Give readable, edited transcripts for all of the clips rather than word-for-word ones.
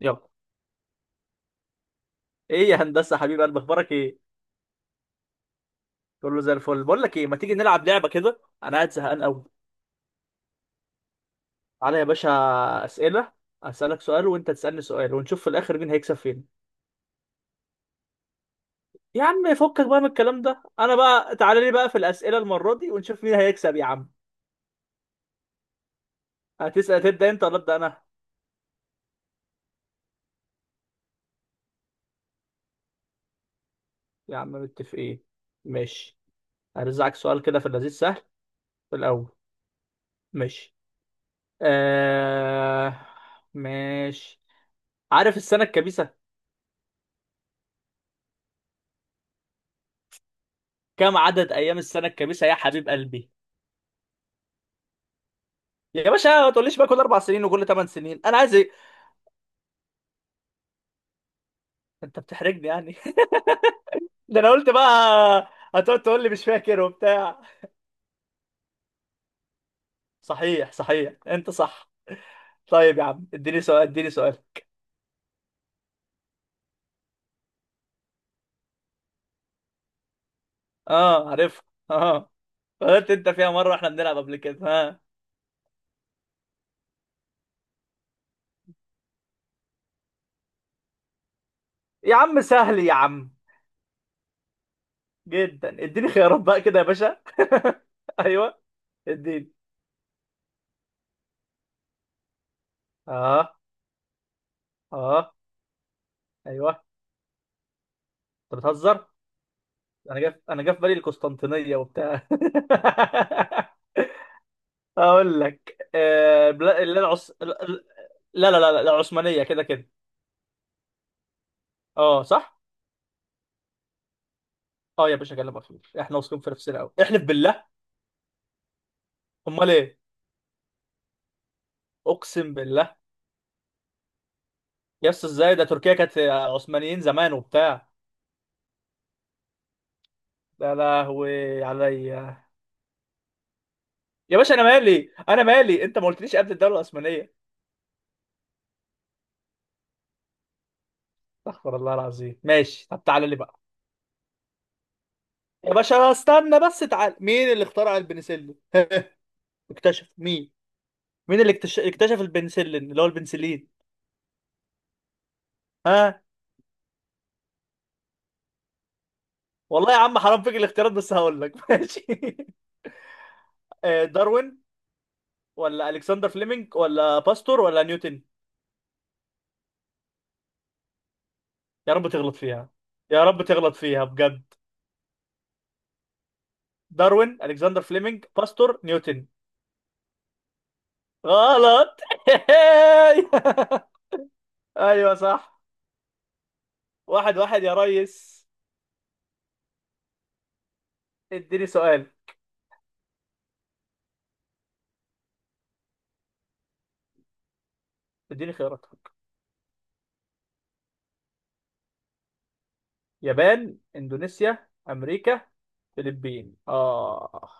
يلا. ايه يا هندسه، حبيب قلب، اخبارك ايه؟ كله زي الفل. بقول لك ايه، ما تيجي نلعب لعبه كده؟ انا قاعد زهقان قوي. تعالى يا باشا، اسئله. اسالك سؤال وانت تسالني سؤال ونشوف في الاخر مين هيكسب فين. يا عم فكك بقى من الكلام ده، انا بقى تعالى لي بقى في الاسئله المره دي ونشوف مين هيكسب يا عم. هتسال تبدا انت ولا ابدا انا؟ يا عم متفقين. ماشي. هرزعك سؤال كده في اللذيذ سهل في الاول. ماشي. آه... ماشي. عارف السنه الكبيسه؟ كم عدد ايام السنه الكبيسه يا حبيب قلبي؟ يا باشا ما تقوليش بقى كل اربع سنين وكل ثمان سنين، انا عايز ايه؟ انت بتحرجني يعني. ده انا قلت بقى. هتقعد تقول لي مش فاكر وبتاع. صحيح صحيح، انت صح. طيب يا عم اديني سؤال اديني سؤال. اه عارف. اه، غلطت انت فيها مره واحنا بنلعب قبل كده. ها. يا عم سهل يا عم، جدا. اديني خيارات بقى كده يا باشا. ايوه. اديني. اه. اه. ايوه. انت بتهزر. انا جاف، انا جاف بالي القسطنطينيه وبتاع. اقول لك لا. لا لا لا، العثمانيه كده كده. اه صح. اه يا باشا كلامك خير، احنا واثقين في نفسنا قوي، احلف بالله. امال ايه؟ اقسم بالله. يا اسطى ازاي؟ ده تركيا كانت عثمانيين زمان وبتاع. يا لهوي عليا. يا باشا انا مالي، انا مالي، انت ما قلتليش قبل الدوله العثمانيه. استغفر الله العظيم. ماشي طب تعالى لي بقى. يا باشا استنى بس، تعال، مين اللي اخترع البنسلين؟ اكتشف مين؟ مين اللي اكتشف البنسلين، اللي هو البنسلين؟ ها. والله يا عم حرام فيك الاختيارات، بس هقول لك. ماشي. داروين ولا الكسندر فليمنج ولا باستور ولا نيوتن؟ يا رب تغلط فيها. يا رب تغلط فيها بجد. داروين، الكسندر فليمنج، باستور، نيوتن. غلط. ايوه صح. واحد واحد يا ريس. اديني سؤال. اديني خياراتك. يابان، اندونيسيا، امريكا، فلبين. اه.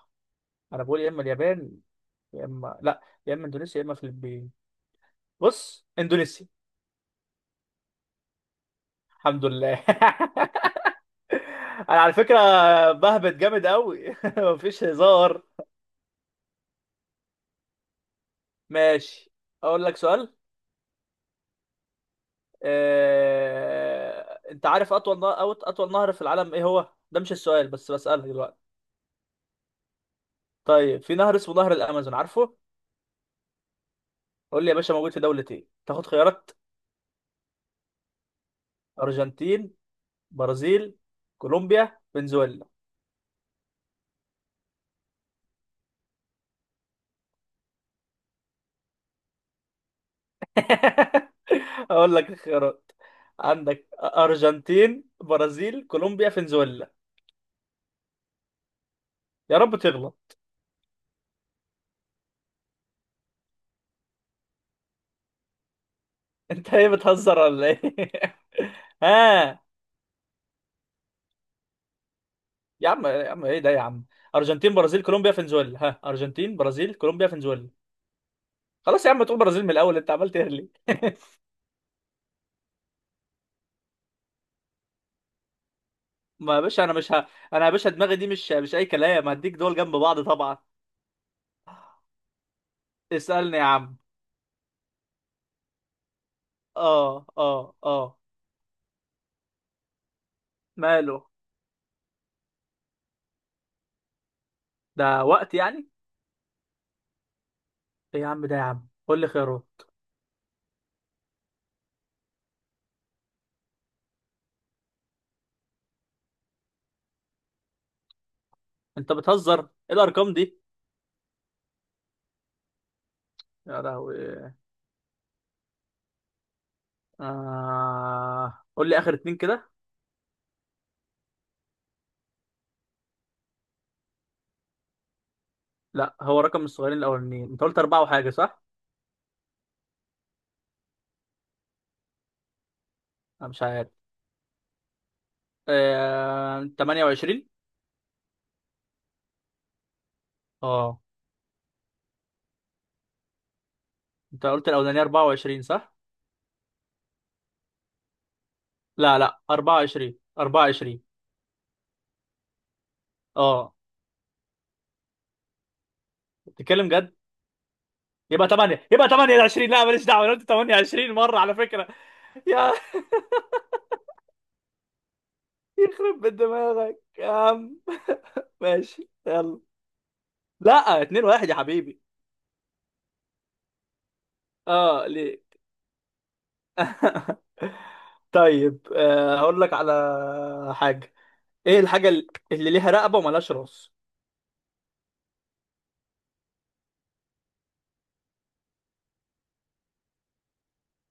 انا بقول يا اما اليابان، يا اما لا، يا اما اندونيسيا، يا اما فلبين. بص، اندونيسيا. الحمد لله. انا على فكره بهبت جامد قوي. مفيش هزار. ماشي. اقول لك سؤال. انت عارف اطول نهر أو اطول نهر في العالم ايه هو؟ ده مش السؤال بس، بسألك دلوقتي. طيب، في نهر اسمه نهر الامازون، عارفه؟ قول لي يا باشا موجود في دولة ايه؟ تاخد خيارات؟ ارجنتين، برازيل، كولومبيا، فنزويلا. اقول لك الخيارات. عندك ارجنتين، برازيل، كولومبيا، فنزويلا. يا رب تغلط. انت ايه، بتهزر ولا ايه؟ ها. يا عم يا عم ايه ده يا عم. ارجنتين، برازيل، كولومبيا، فنزويلا. ها. ارجنتين، برازيل، كولومبيا، فنزويلا. خلاص يا عم، تقول برازيل من الاول، انت عمال تهري. ما يا باشا انا مش ه... انا يا باشا دماغي دي مش اي كلام. هديك دول جنب بعض طبعا. اسألني يا عم. اه اه اه. ماله. ده وقت يعني. ايه يا عم ده يا عم، قول لي خيره. انت بتهزر، ايه الارقام دي؟ يا لهوي. قول لي اخر اتنين كده. لا، هو رقم الصغيرين الاولانيين انت قلت اربعة وحاجة، صح؟ انا مش عارف. 28. اه. انت قلت الاولانيه 24، صح؟ لا لا، 24 24. اه. بتتكلم جد؟ يبقى 8، يبقى 28. لا ماليش دعوه، انا قلت 28 مره على فكره. يا. يخرب بيت دماغك يا عم. ماشي يلا. لا، 2-1 يا حبيبي. اه ليه. طيب، هقول لك على حاجه. ايه الحاجه اللي اللي ليها رقبه وملهاش راس؟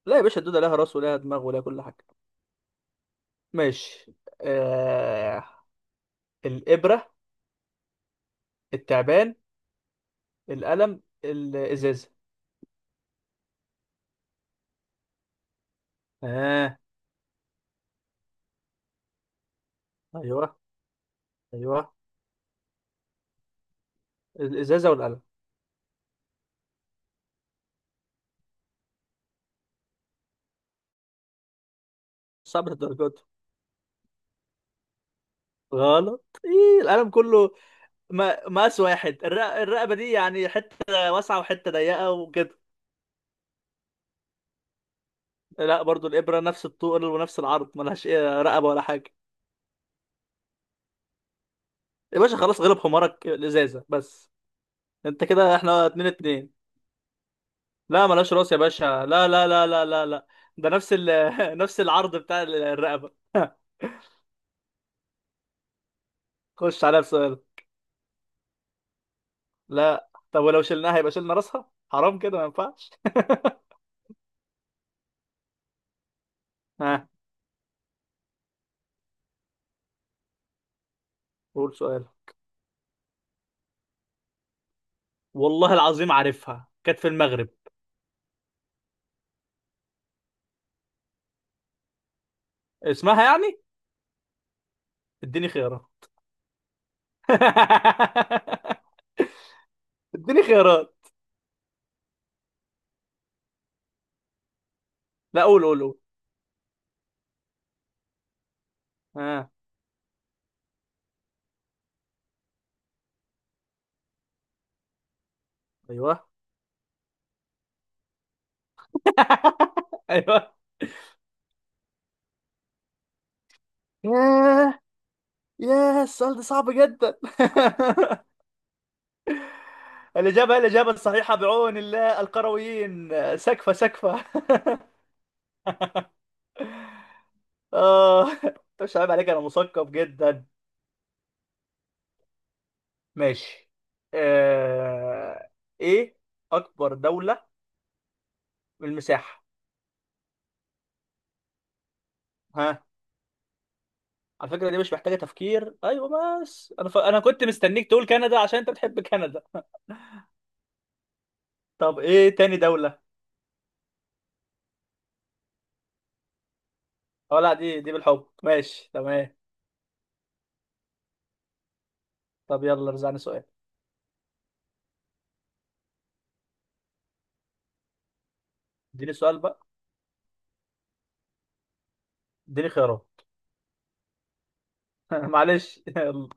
لا يا باشا، الدوده ليها راس وليها دماغ وليها كل حاجه. ماشي. آه... الإبرة، التعبان، القلم، الإزازة. آه. أيوه أيوه. الإزازة والقلم صعب الدرجات. غلط، إيه القلم كله؟ ما مقاس واحد. الرقبة دي يعني حتة واسعة وحتة ضيقة وكده. لا برضو، الإبرة نفس الطول ونفس العرض، ملهاش إيه رقبة ولا حاجة. يا باشا خلاص، غلب حمارك، الإزازة بس. أنت كده إحنا اتنين اتنين. لا ملاش راس يا باشا، لا لا لا لا لا لا. ده نفس ال... نفس العرض بتاع الرقبة. خش عليها بسؤال. لا طب ولو شلناها يبقى شلنا راسها، حرام كده ما ينفعش. ها. قول سؤال. والله العظيم عارفها، كانت في المغرب. اسمها يعني. اديني خيارات. اديني خيارات. لا قول قول قول. ها. ايوه. ايوه. ياه. ياه السؤال ده صعب جدا. الإجابة، هي الإجابة الصحيحة بعون الله، القرويين، سكفة سكفة. آه. مش عيب عليك، أنا مثقف جدا. ماشي. آه... إيه أكبر دولة بالمساحة؟ ها. على فكرة دي مش محتاجة تفكير، أيوة. بس أنا أنا كنت مستنيك تقول كندا عشان أنت بتحب كندا. طب إيه تاني دولة؟ أه لا، دي بالحب ماشي تمام. طب يلا رزعني سؤال. اديني سؤال بقى. اديني خيارات. معلش. يلا.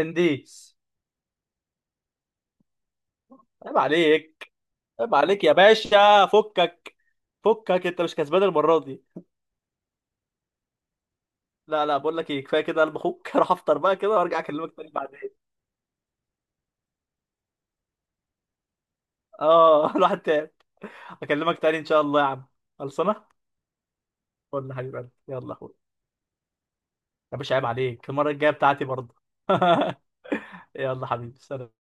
انديس. عيب عليك. عيب عليك يا باشا، فكك. فكك، انت مش كسبان المره دي. لا لا، بقول لك ايه، كفايه كده قلب اخوك. اروح افطر بقى كده وارجع اكلمك تاني بعدين. اه. الواحد تاني. اكلمك تاني ان شاء الله يا عم. خلصانه. قول حبيب قلبي، يلا يا اخويا. يا باشا عيب عليك، المره الجايه بتاعتي برضه. يلا حبيبي، سلام.